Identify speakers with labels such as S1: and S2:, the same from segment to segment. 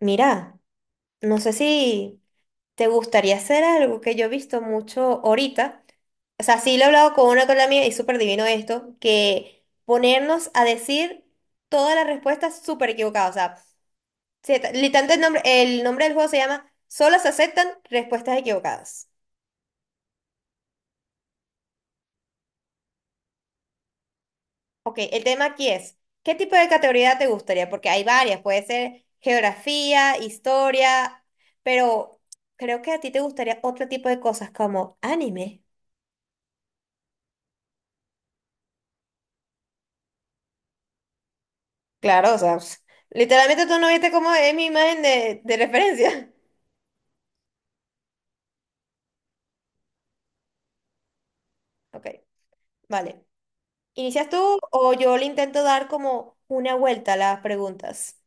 S1: Mira, no sé si te gustaría hacer algo que yo he visto mucho ahorita. O sea, sí lo he hablado con una colega mía y es súper divino esto, que ponernos a decir todas las respuestas súper equivocadas. O sea, literalmente el nombre del juego se llama Solo se aceptan respuestas equivocadas. Ok, el tema aquí es, ¿qué tipo de categoría te gustaría? Porque hay varias, puede ser geografía, historia, pero creo que a ti te gustaría otro tipo de cosas como anime. Claro, o sea, ps, literalmente tú no viste cómo es mi imagen de, referencia. Ok, vale. ¿Inicias tú o yo le intento dar como una vuelta a las preguntas?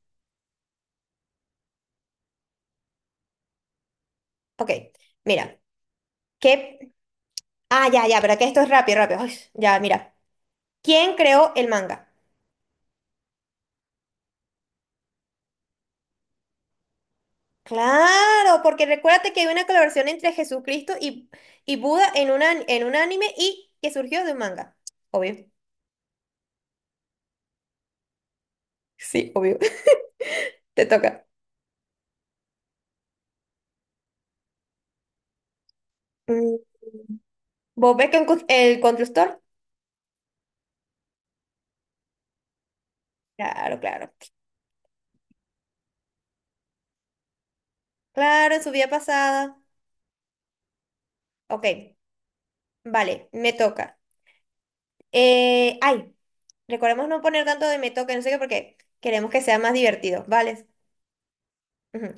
S1: Ok, mira, ¿qué? Ah, ya, ya, pero que esto es rápido, rápido. Ay, ya, mira. ¿Quién creó el manga? Claro, porque recuérdate que hay una colaboración entre Jesucristo y Buda en, una, en un anime y que surgió de un manga. Obvio. Sí, obvio. Te toca. Mm, ¿vos ves que el constructor? Claro, claro. Claro, en su vida pasada. Ok, vale, me toca. Eh, ay, recordemos no poner tanto de me toca, no sé qué, porque queremos que sea más divertido, ¿vale? Ujú. O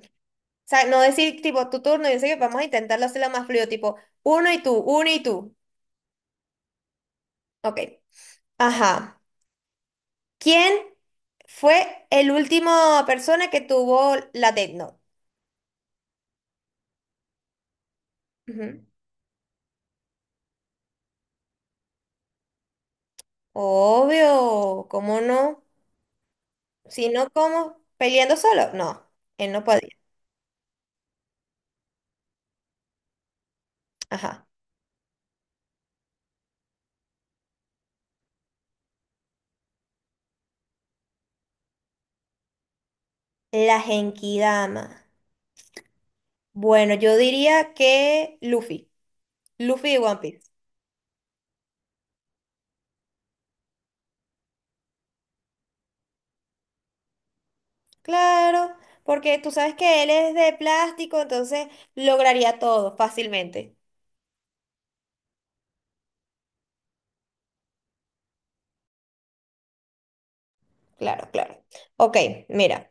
S1: sea, no decir tipo tu turno, y no sé qué, vamos a intentarlo hacerlo más fluido, tipo uno y tú, uno y tú. Ok, ajá. ¿Quién fue el último persona que tuvo la Death Note? Ujú. Obvio, ¿cómo no? Si no, ¿cómo? ¿Peleando solo? No, él no podía. Ajá. La Genkidama. Bueno, yo diría que Luffy, Luffy de One Piece. Claro, porque tú sabes que él es de plástico, entonces lograría todo fácilmente. Claro, claro. Ok, mira.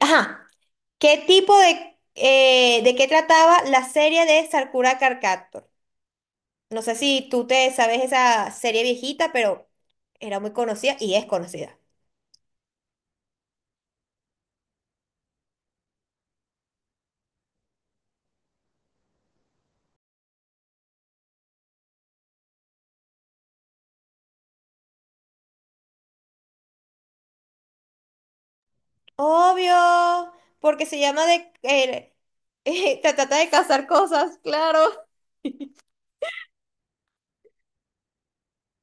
S1: Ajá, ¿qué tipo de qué trataba la serie de Sakura Card Captor? No sé si tú te sabes esa serie viejita, pero era muy conocida y es conocida. Obvio, porque se llama de... te trata de cazar cosas, claro.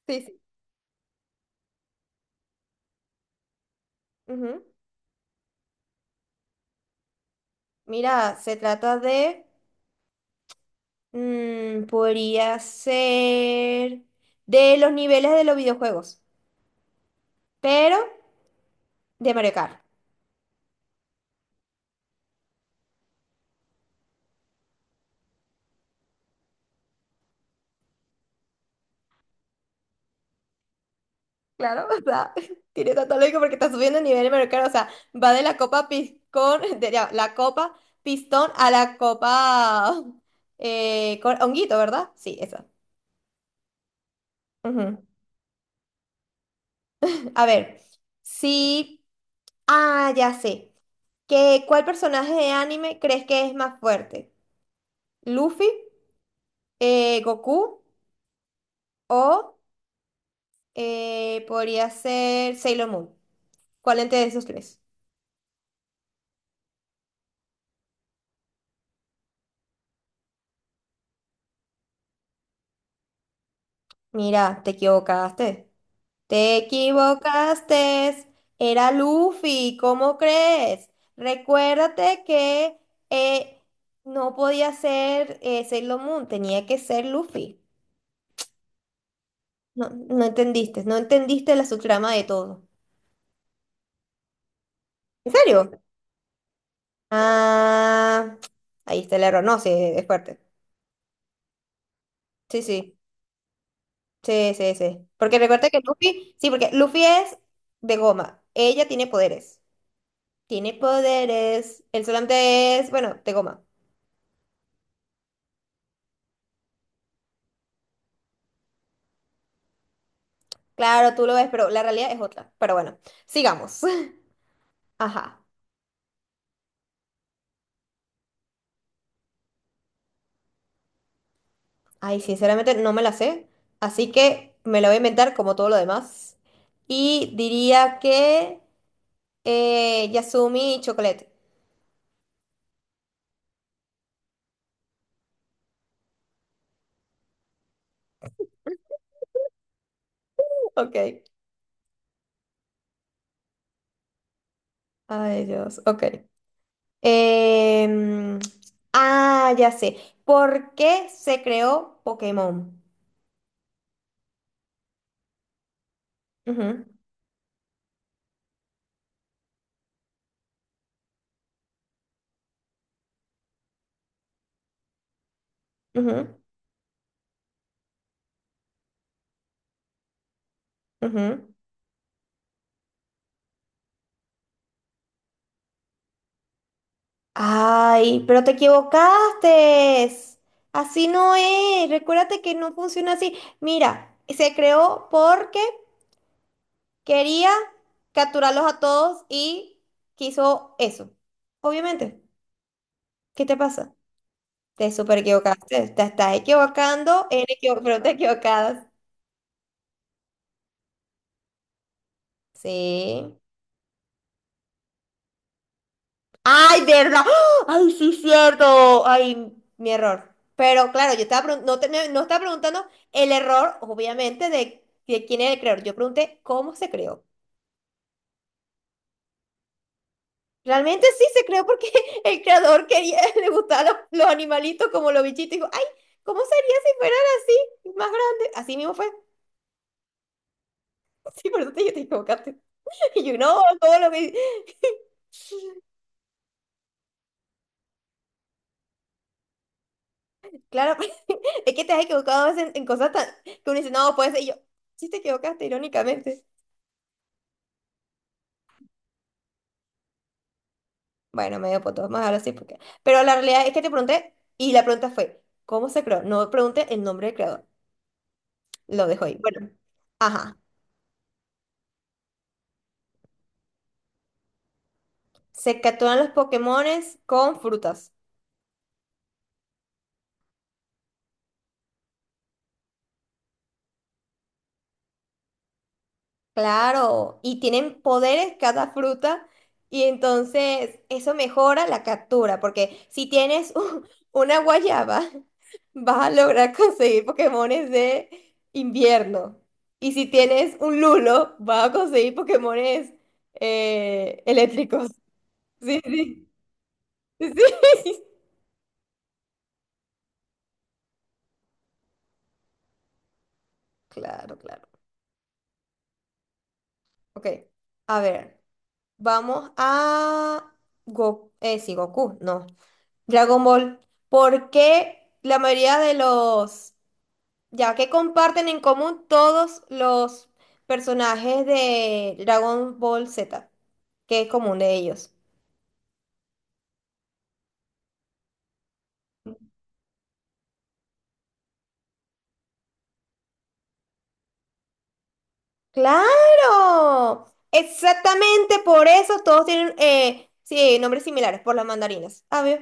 S1: Sí, sí. Ujú. Mira, se trata de, mm, podría ser de los niveles de los videojuegos, pero de Mario Kart. Claro, o sea, tiene tanto lógica porque está subiendo el nivel de Mario Kart, o sea, va de la copa pistón, de ya, la copa pistón a la copa con honguito, ¿verdad? Sí, esa. Ujú. A ver, sí, ah, ya sé. ¿ cuál personaje de anime crees que es más fuerte? ¿Luffy? ¿Goku? O podría ser Sailor Moon. ¿Cuál entre de esos tres? Mira, te equivocaste. Te equivocaste. Era Luffy, ¿cómo crees? Recuérdate que eh, no podía ser Sailor Moon, tenía que ser Luffy. No, no entendiste, no entendiste la subtrama de todo. ¿En serio? Ah, ahí está el error. No, sí, es fuerte. Sí, sí. Sí, sí, sí. Porque recuerda que Luffy, sí, porque Luffy es de goma. Ella tiene poderes. Tiene poderes. El solamente es, bueno, de goma. Claro, tú lo ves, pero la realidad es otra. Pero bueno, sigamos. Ajá. Ay, sinceramente no me la sé. Así que me la voy a inventar como todo lo demás. Y diría que Yasumi y Chocolate. Ok. Ay, Dios. Ok. Em, ah, ya sé. ¿Por qué se creó Pokémon? Ujú, ujú, ujú. Ay, pero te equivocaste. Así no es. Recuérdate que no funciona así. Mira, se creó porque quería capturarlos a todos y quiso eso. Obviamente. ¿Qué te pasa? Te super equivocaste. Te estás equivocando en pero te equivocadas. Sí. Ay, ¿verdad? ¡Ah! Ay, sí, cierto. Ay, mi error. Pero claro, yo estaba no, no estaba preguntando el error, obviamente, de, quién era el creador. Yo pregunté cómo se creó. Realmente sí se creó porque el creador quería, le gustaban los animalitos como los bichitos. Y dijo, ay, ¿cómo sería si fueran así, más grandes? Así mismo fue. Sí, por eso te, te equivocaste. Y yo, no, todo lo que... Claro, es que te has equivocado a veces en cosas tan... que uno dice, no, puede ser. Y yo, sí te equivocaste, irónicamente. Bueno, medio poto, vamos a dejarlo así porque... Pero la realidad es que te pregunté y la pregunta fue, ¿cómo se creó? No pregunté el nombre del creador, lo dejo ahí. Bueno, ajá. Se capturan los Pokémones con frutas. Claro, y tienen poderes cada fruta y entonces eso mejora la captura, porque si tienes una guayaba, vas a lograr conseguir Pokémones de invierno. Y si tienes un lulo, vas a conseguir Pokémones eléctricos. Sí, sí, sí. Claro, claro. Ok, a ver, vamos a... Go sí, Goku, no. Dragon Ball. Porque la mayoría de los, ya que comparten en común todos los personajes de Dragon Ball Z, que es común de ellos. ¡Claro! Exactamente por eso todos tienen sí, nombres similares, por las mandarinas. ¿Sabes?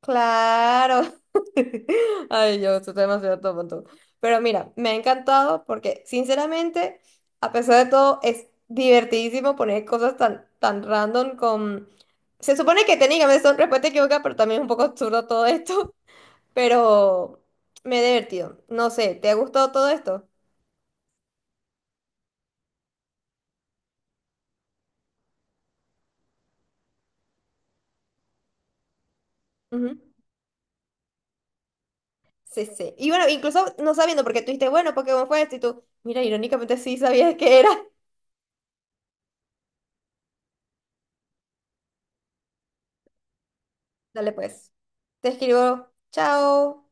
S1: Claro. Ay, yo estoy demasiado tonto. Pero mira, me ha encantado porque, sinceramente, a pesar de todo, es divertidísimo poner cosas tan, tan random con... Se supone que técnicamente son respuestas equivocadas, pero también es un poco absurdo todo esto. Pero me he divertido. No sé, ¿te ha gustado todo esto? Ujú. Sí, sí. Y bueno, incluso no sabiendo, porque tú dijiste, bueno, Pokémon fue esto, y tú, mira, irónicamente sí sabías que era. Dale pues. Te escribo, chao.